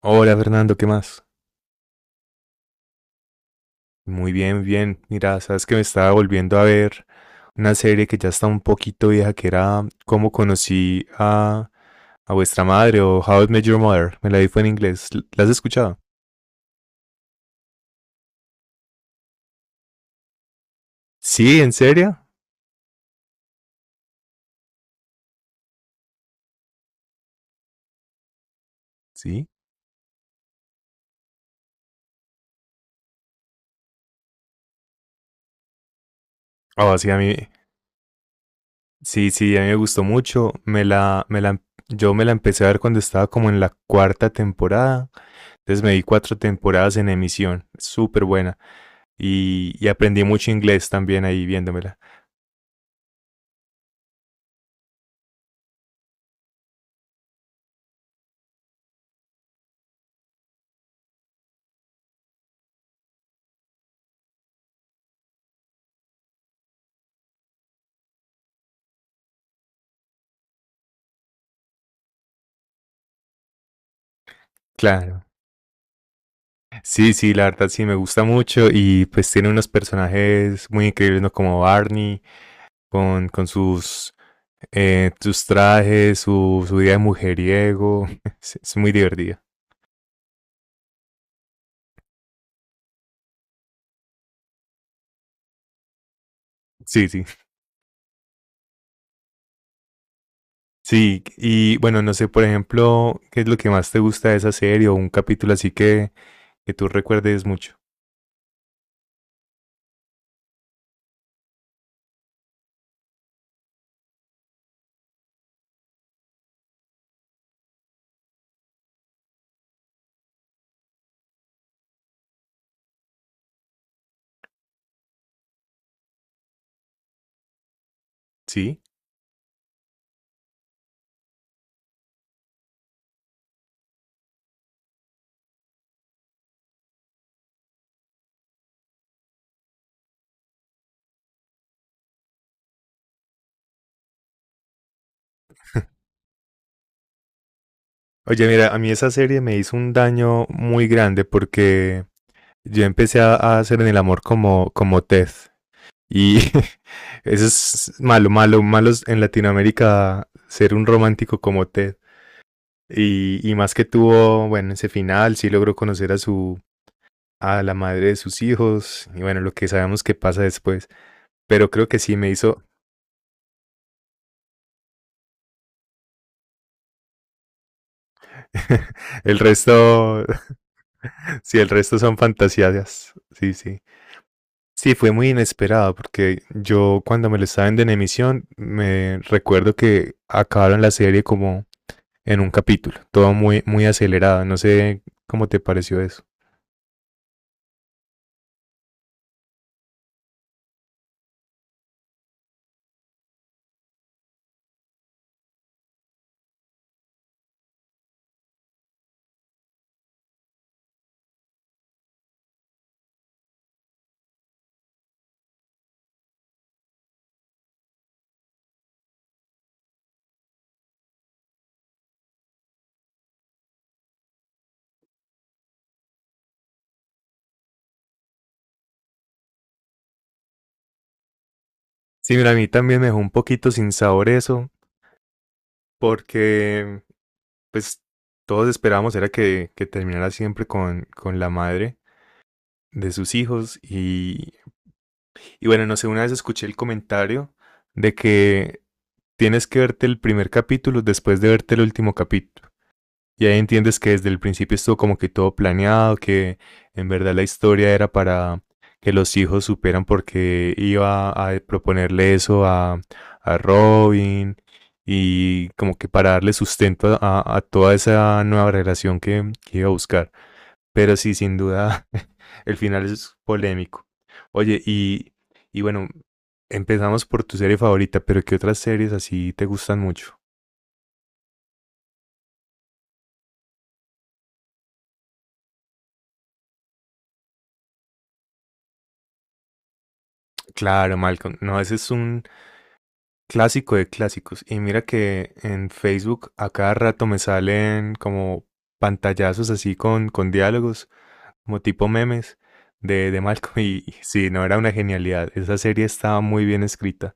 Hola Fernando, ¿qué más? Muy bien, bien. Mira, sabes que me estaba volviendo a ver una serie que ya está un poquito vieja, que era Cómo conocí a vuestra madre o How I Met Your Mother. Me la vi fue en inglés. ¿La has escuchado? Sí, ¿en serio? Sí. Ah, sí, a mí, sí, sí, a mí me gustó mucho. Yo me la empecé a ver cuando estaba como en la cuarta temporada. Entonces me vi cuatro temporadas en emisión. Súper buena. Y aprendí mucho inglés también ahí viéndomela. Claro. Sí, sí, la verdad sí me gusta mucho y pues tiene unos personajes muy increíbles, ¿no? Como Barney, con, con sus, sus trajes, su vida de mujeriego. Es muy divertido. Sí, sí. Sí, y bueno, no sé, por ejemplo, ¿qué es lo que más te gusta de esa serie o un capítulo así que tú recuerdes mucho? Sí. Oye, mira, a mí esa serie me hizo un daño muy grande porque yo empecé a hacer en el amor como, como Ted. Y eso es malo, malo, malos en Latinoamérica ser un romántico como Ted. Y más que tuvo, bueno, ese final, sí logró conocer a a la madre de sus hijos y bueno, lo que sabemos que pasa después. Pero creo que sí me hizo el resto, sí, el resto son fantasías. Sí, sí. Sí, fue muy inesperado porque yo cuando me lo estaba viendo en emisión me recuerdo que acabaron la serie como en un capítulo, todo muy, muy acelerado, no sé cómo te pareció eso. Sí, mira, a mí también me dejó un poquito sin sabor eso, porque pues todos esperábamos era que terminara siempre con la madre de sus hijos y bueno, no sé, una vez escuché el comentario de que tienes que verte el primer capítulo después de verte el último capítulo. Y ahí entiendes que desde el principio estuvo como que todo planeado, que en verdad la historia era para que los hijos superan porque iba a proponerle eso a Robin y como que para darle sustento a toda esa nueva relación que iba a buscar. Pero sí, sin duda, el final es polémico. Oye, y, y bueno, empezamos por tu serie favorita, pero ¿qué otras series así te gustan mucho? Claro, Malcolm. No, ese es un, clásico de clásicos. Y mira que en Facebook a cada rato me salen como pantallazos así con diálogos, como tipo memes de Malcolm. Y sí, no era una genialidad. Esa serie estaba muy bien escrita.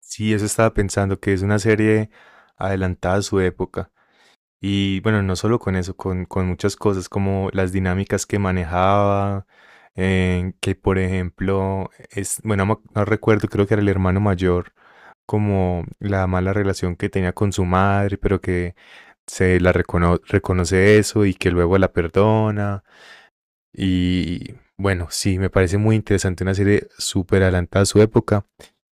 Sí, eso estaba pensando, que es una serie adelantada a su época. Y bueno, no solo con eso, con muchas cosas como las dinámicas que manejaba, que por ejemplo, es, bueno, no, no recuerdo, creo que era el hermano mayor como la mala relación que tenía con su madre, pero que se la reconoce eso y que luego la perdona. Y bueno, sí, me parece muy interesante, una serie súper adelantada a su época.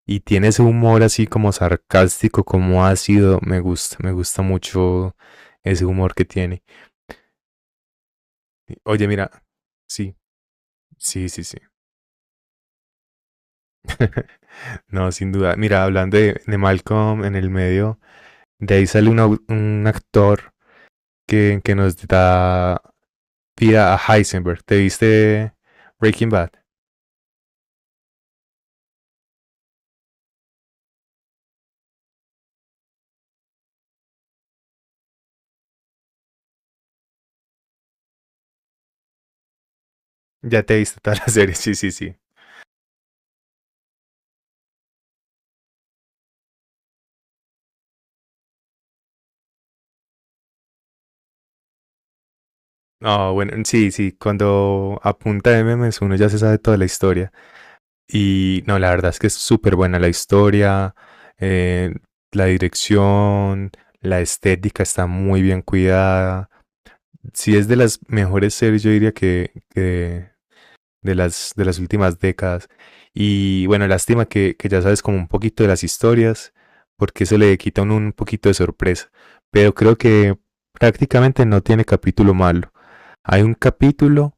Y tiene ese humor así como sarcástico, como ácido. Me gusta mucho ese humor que tiene. Oye, mira, sí, sí, sí, sí. No, sin duda. Mira, hablando de Malcolm en el medio, de ahí sale un, un actor que nos da vida a Heisenberg. ¿Te viste Breaking Bad? Ya te viste toda la serie, sí, sí, sí. No, bueno, sí, sí, cuando apunta a memes uno ya se sabe toda la historia. Y no, la verdad es que es súper buena la historia, eh, la dirección, la estética está muy bien cuidada. Sí es de las mejores series, yo diría que de de las últimas décadas. Y bueno, lástima que ya sabes como un poquito de las historias, porque eso le quita un poquito de sorpresa. Pero creo que prácticamente no tiene capítulo malo. Hay un capítulo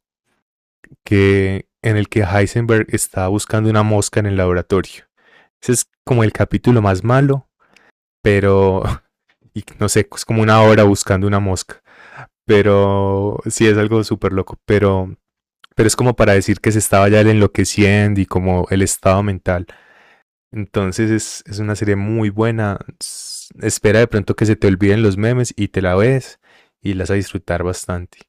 que, en el que Heisenberg está buscando una mosca en el laboratorio. Ese es como el capítulo más malo, pero y no sé, es como una hora buscando una mosca. Pero sí es algo súper loco. Pero es como para decir que se estaba ya el enloqueciendo y como el estado mental. Entonces es una serie muy buena. Espera de pronto que se te olviden los memes y te la ves y las vas a disfrutar bastante.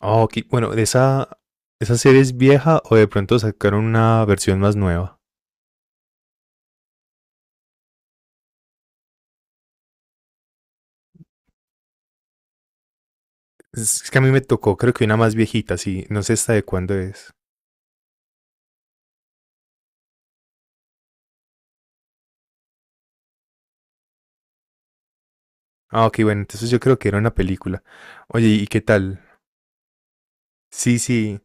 Oh, ok, bueno, ¿esa serie es vieja o de pronto sacaron una versión más nueva? Es que a mí me tocó, creo que una más viejita, sí. No sé esta de cuándo es. Ah, ok, bueno, entonces yo creo que era una película. Oye, ¿y qué tal? Sí, sí.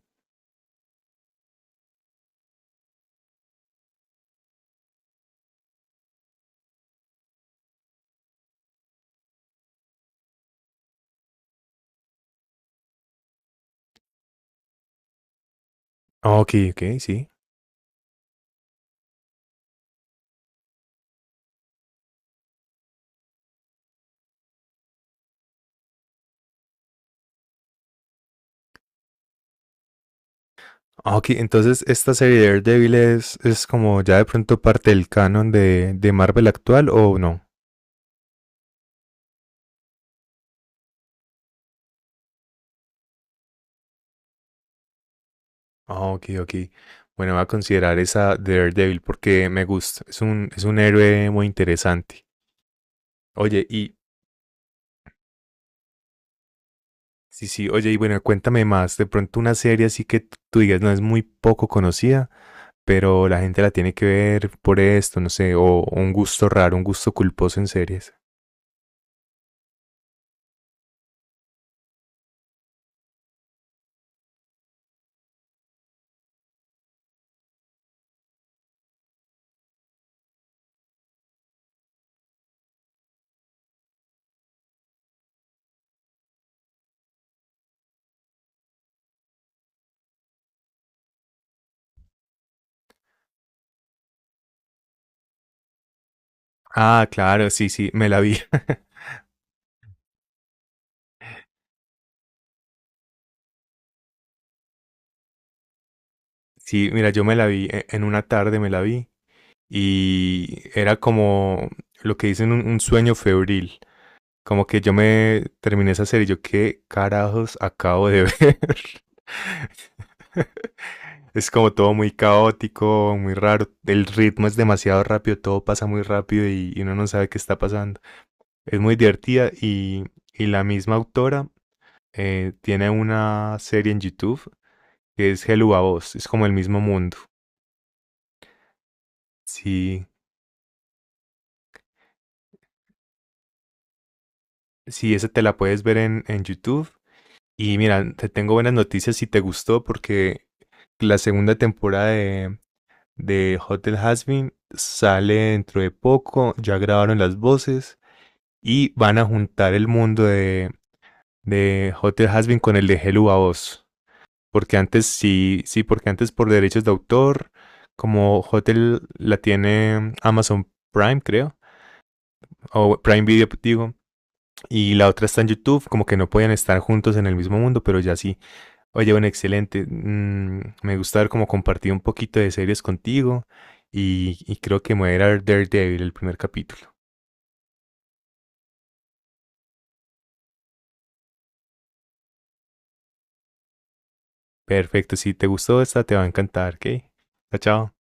Ah, ok, ok, sí. Ah, ok, entonces esta serie de Daredevil es como ya de pronto parte del canon de Marvel actual o no. Ah, ok, ok. Bueno, voy a considerar esa Daredevil porque me gusta. Es un héroe muy interesante. Oye, y sí, sí, oye, y bueno, cuéntame más. De pronto una serie así que tú digas no es muy poco conocida, pero la gente la tiene que ver por esto, no sé, o un gusto raro, un gusto culposo en series. Ah, claro, sí, sí, me la vi. Sí, mira, yo me la vi en una tarde, me la vi. Y era como lo que dicen un sueño febril. Como que yo me terminé esa serie y yo, ¿qué carajos acabo de ver? Es como todo muy caótico, muy raro. El ritmo es demasiado rápido, todo pasa muy rápido y uno no sabe qué está pasando. Es muy divertida y la misma autora tiene una serie en YouTube que es Hello a Vos. Es como el mismo mundo. Sí, sí, esa te la puedes ver en YouTube. Y mira, te tengo buenas noticias si te gustó, porque la segunda temporada de Hotel Hazbin sale dentro de poco. Ya grabaron las voces y van a juntar el mundo de Hotel Hazbin con el de Hello a Oz. Porque antes sí, sí, porque antes por derechos de autor, como Hotel la tiene Amazon Prime, creo, o Prime Video, digo, y la otra está en YouTube, como que no podían estar juntos en el mismo mundo, pero ya sí. Oye, bueno, excelente. Mm, me gusta haber como compartido un poquito de series contigo y creo que me voy a ir a ver Daredevil, el primer capítulo. Perfecto, si te gustó esta, te va a encantar, ¿ok? Chao, chao.